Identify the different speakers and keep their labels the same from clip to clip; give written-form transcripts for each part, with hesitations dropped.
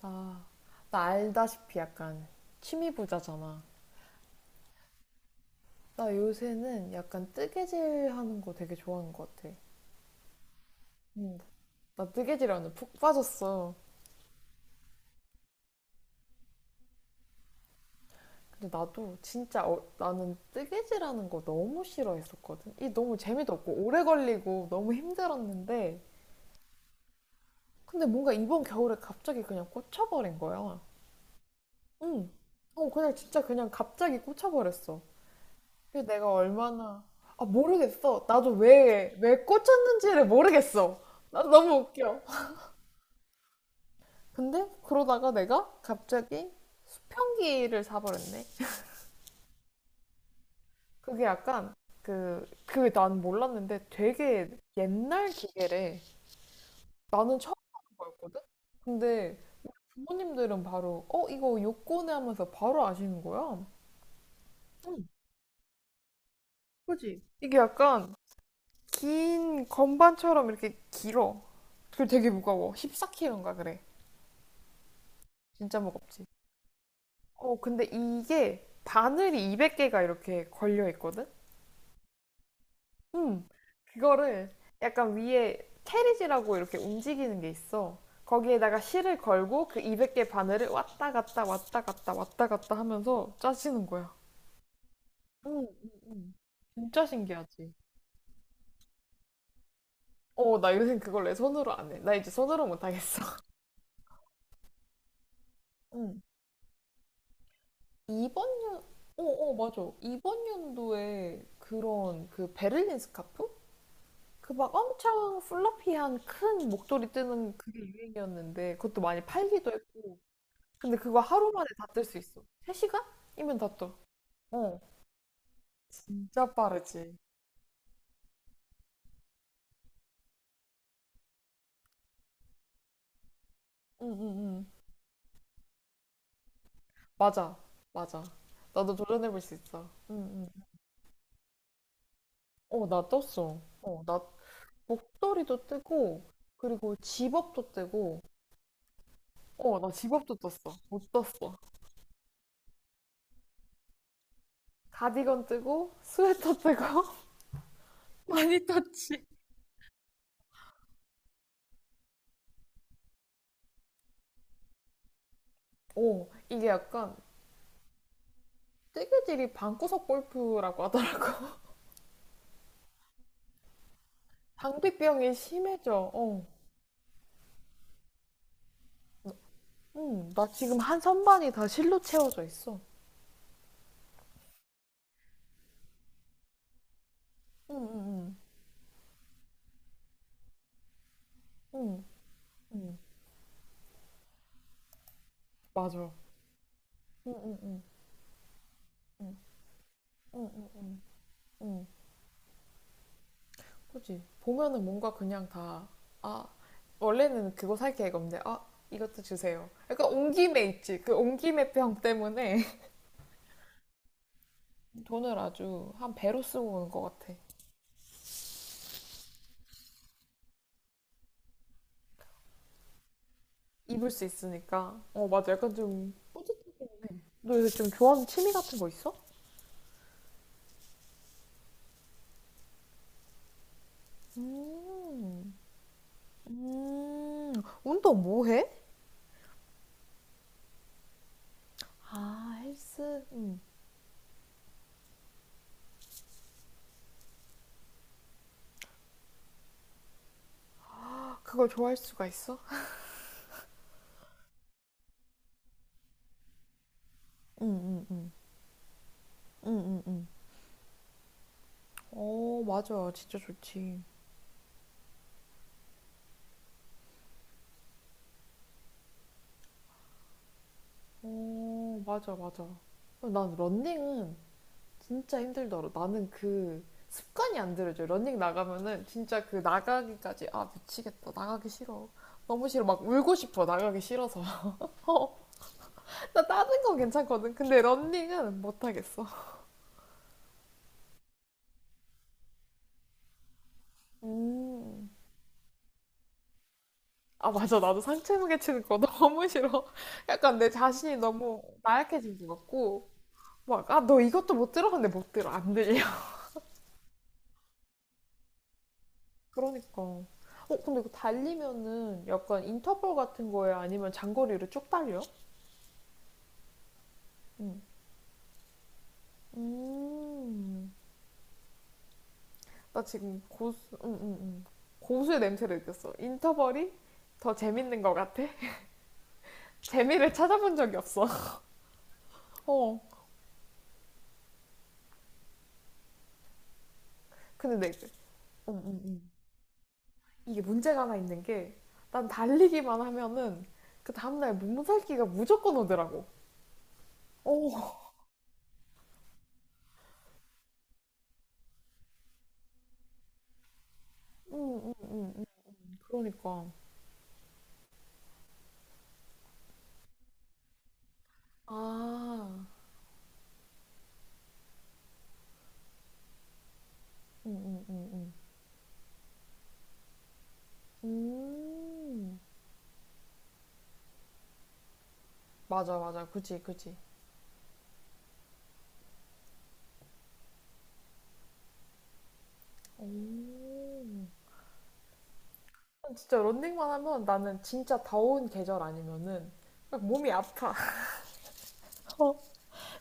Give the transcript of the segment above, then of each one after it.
Speaker 1: 나, 나, 알다시피 약간 취미 부자잖아. 나 요새는 약간 뜨개질 하는 거 되게 좋아하는 것 같아. 응. 나 뜨개질하는 푹 빠졌어. 근데 나도 진짜 나는 뜨개질하는 거 너무 싫어했었거든. 이 너무 재미도 없고 오래 걸리고 너무 힘들었는데 근데 뭔가 이번 겨울에 갑자기 그냥 꽂혀버린 거야. 응. 그냥 진짜 그냥 갑자기 꽂혀버렸어. 그 내가 얼마나 아 모르겠어. 나도 왜 꽂혔는지를 모르겠어. 나도 너무 웃겨. 근데 그러다가 내가 갑자기 수평기를 사버렸네. 그게 약간 그게 난 몰랐는데 되게 옛날 기계래. 나는 처음 하는 거였거든. 근데 부모님들은 바로 어 이거 요코네 하면서 바로 아시는 거야. 응, 그지? 이게 약간 긴 건반처럼 이렇게 길어. 그리고 되게 무거워. 14kg인가 그래. 진짜 무겁지. 어, 근데 이게 바늘이 200개가 이렇게 걸려 있거든? 음, 그거를 약간 위에 캐리지라고 이렇게 움직이는 게 있어. 거기에다가 실을 걸고 그 200개 바늘을 왔다 갔다 왔다 갔다 왔다 갔다 하면서 짜시는 거야. 응, 응, 응. 진짜 신기하지. 어, 나 요새 그걸 내 손으로 안 해. 나 이제 손으로 못 하겠어. 응. 이번 년, 어, 어, 맞아. 이번 연도에 그런 그 베를린 스카프? 그 막 엄청 플러피한 큰 목도리 뜨는 그게 유행이었는데 그것도 많이 팔기도 했고 근데 그거 하루 만에 다 뜰 수 있어 3시간이면 다 떠. 어. 진짜 빠르지. 응응응. 맞아. 맞아. 나도 도전해볼 수 있어. 응응. 어, 나 떴어. 어, 나 목도리도 뜨고 그리고 집업도 뜨고 어, 나 집업도 떴어. 못 떴어. 가디건 뜨고 스웨터 뜨고 많이 떴지. 오, 이게 약간 뜨개질이 방구석 골프라고 하더라고. 당비병이 심해져. 어. 응, 나 지금 한 선반이 다 실로 채워져 있어. 응, 응, 응, 응, 응. 맞아. 응, 응, 응, 응, 응, 응, 응, 응. 그치. 보면은 뭔가 그냥 다, 아, 원래는 그거 살게획 없는데, 아, 이것도 주세요. 약간 온 김에 있지. 그 온 김에 병 때문에 돈을 아주 한 배로 쓰고 오는 것 같아. 입을 수 있으니까. 어, 맞아. 약간 좀, 너 요새 좀 좋아하는 취미 같은 거 있어? 음. 음. 운동 뭐 해? 아, 헬스. 음. 그걸 좋아할 수가 있어? 음, 음, 음. 음, 음, 음. 어, 맞아. 진짜 좋지. 어, 맞아, 맞아. 난 런닝은 진짜 힘들더라. 나는 그 습관이 안 들어져. 런닝 나가면은 진짜 그 나가기까지 아, 미치겠다. 나가기 싫어. 너무 싫어. 막 울고 싶어. 나가기 싫어서. 어, 나 다른 건 괜찮거든. 근데 런닝은 못 하겠어. 음. 아, 맞아. 나도 상체 무게 치는 거 너무 싫어. 약간 내 자신이 너무 나약해진 것 같고. 막, 아, 너 이것도 못 들어? 근데 못 들어. 안 들려. 그러니까. 어, 근데 이거 달리면은 약간 인터벌 같은 거에 아니면 장거리를 쭉 달려? 응. 음. 나 지금 고수, 응, 응, 응. 고수의 냄새를 느꼈어. 인터벌이 더 재밌는 것 같아. 재미를 찾아본 적이 없어. 어. 근데 내, 응, 응. 이게 문제가 하나 있는 게 난 달리기만 하면은 그 다음날 몸살기가 무조건 오더라고. 오, 음, 그러니까. 아, 음, 음, 음. 맞아, 맞아. 그지, 그지. 오. 진짜 런닝만 하면 나는 진짜 더운 계절 아니면은 막 몸이 아파. 어,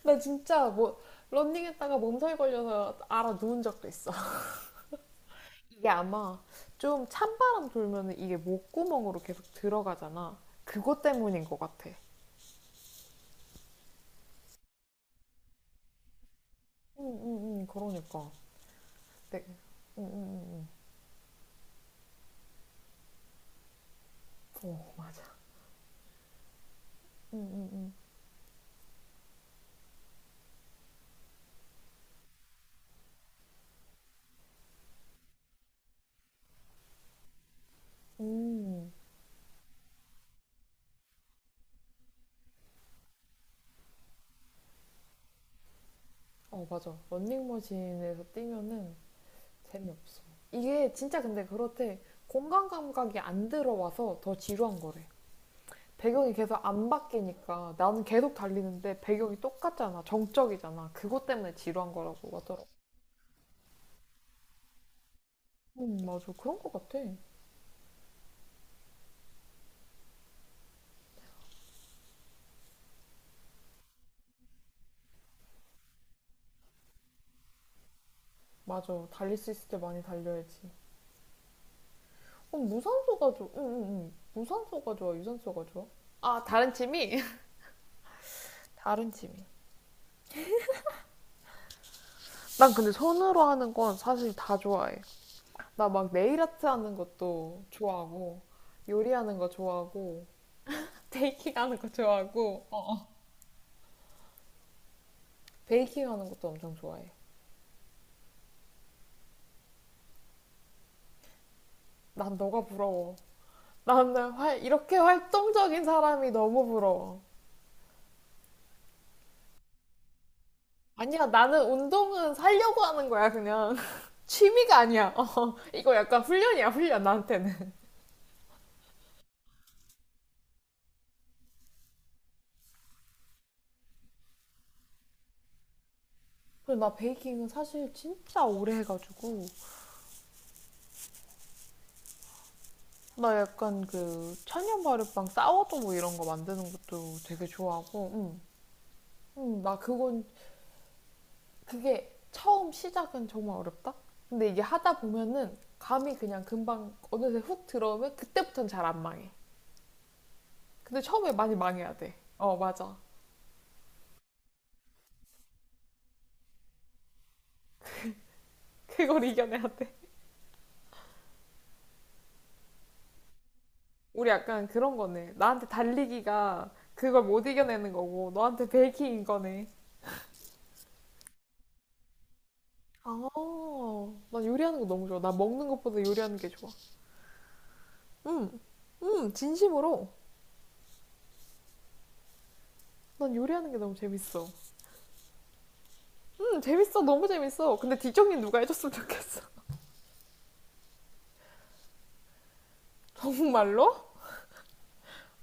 Speaker 1: 나 진짜 뭐 런닝했다가 몸살 걸려서 알아 누운 적도 있어. 이게 아마 좀 찬바람 돌면은 이게 목구멍으로 계속 들어가잖아. 그것 때문인 것 같아. 응, 응, 응. 그러니까. 네. 응, 응, 응, 응. 어, 맞아. 응, 응, 응. 음. 어, 맞아. 런닝머신에서 뛰면은 재미없어. 이게 진짜 근데 그렇대. 공간 감각이 안 들어와서 더 지루한 거래. 배경이 계속 안 바뀌니까 나는 계속 달리는데 배경이 똑같잖아. 정적이잖아. 그것 때문에 지루한 거라고 하더라고. 응, 맞아. 그런 거 같아. 맞아. 달릴 수 있을 때 많이 달려야지. 그럼 무산소가 좋아. 응, 응, 응. 무산소가 좋아. 유산소가 좋아. 아, 다른 팀이? 다른 취미. 난 근데 손으로 하는 건 사실 다 좋아해. 나 막 네일 아트 하는 것도 좋아하고, 요리하는 거 좋아하고, 베이킹 하는 거 좋아하고, 어. 베이킹 하는 것도 엄청 좋아해. 난 너가 부러워. 나는 활, 이렇게 활동적인 사람이 너무 부러워. 아니야, 나는 운동은 살려고 하는 거야, 그냥. 취미가 아니야. 어, 이거 약간 훈련이야, 훈련, 나한테는. 그리고 나 베이킹은 사실 진짜 오래 해가지고, 나 약간 그 천연 발효빵 사워도 뭐 이런 거 만드는 것도 되게 좋아하고, 응. 응, 나 그건 그게 처음 시작은 정말 어렵다. 근데 이게 하다 보면은 감이 그냥 금방 어느새 훅 들어오면 그때부터는 잘 안 망해. 근데 처음에 많이 망해야 돼. 어, 맞아. 그걸 이겨내야 돼. 우리 약간 그런 거네. 나한테 달리기가 그걸 못 이겨내는 거고, 너한테 베이킹인 거네. 아, 나 요리하는 거 너무 좋아. 나 먹는 것보다 요리하는 게 좋아. 응, 응, 진심으로. 난 요리하는 게 너무 재밌어. 응, 재밌어. 너무 재밌어. 근데 디정님 누가 해줬으면 좋겠어. 정말로?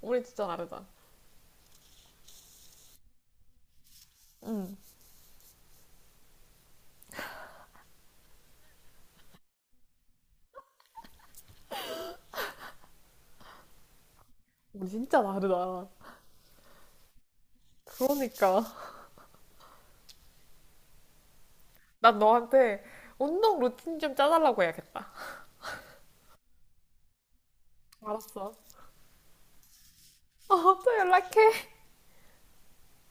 Speaker 1: 우리 진짜 다르다. 응, 우리 진짜 다르다. 그러니까. 난 너한테 운동 루틴 좀 짜달라고 해야겠다. 알았어. 어, 또 연락해.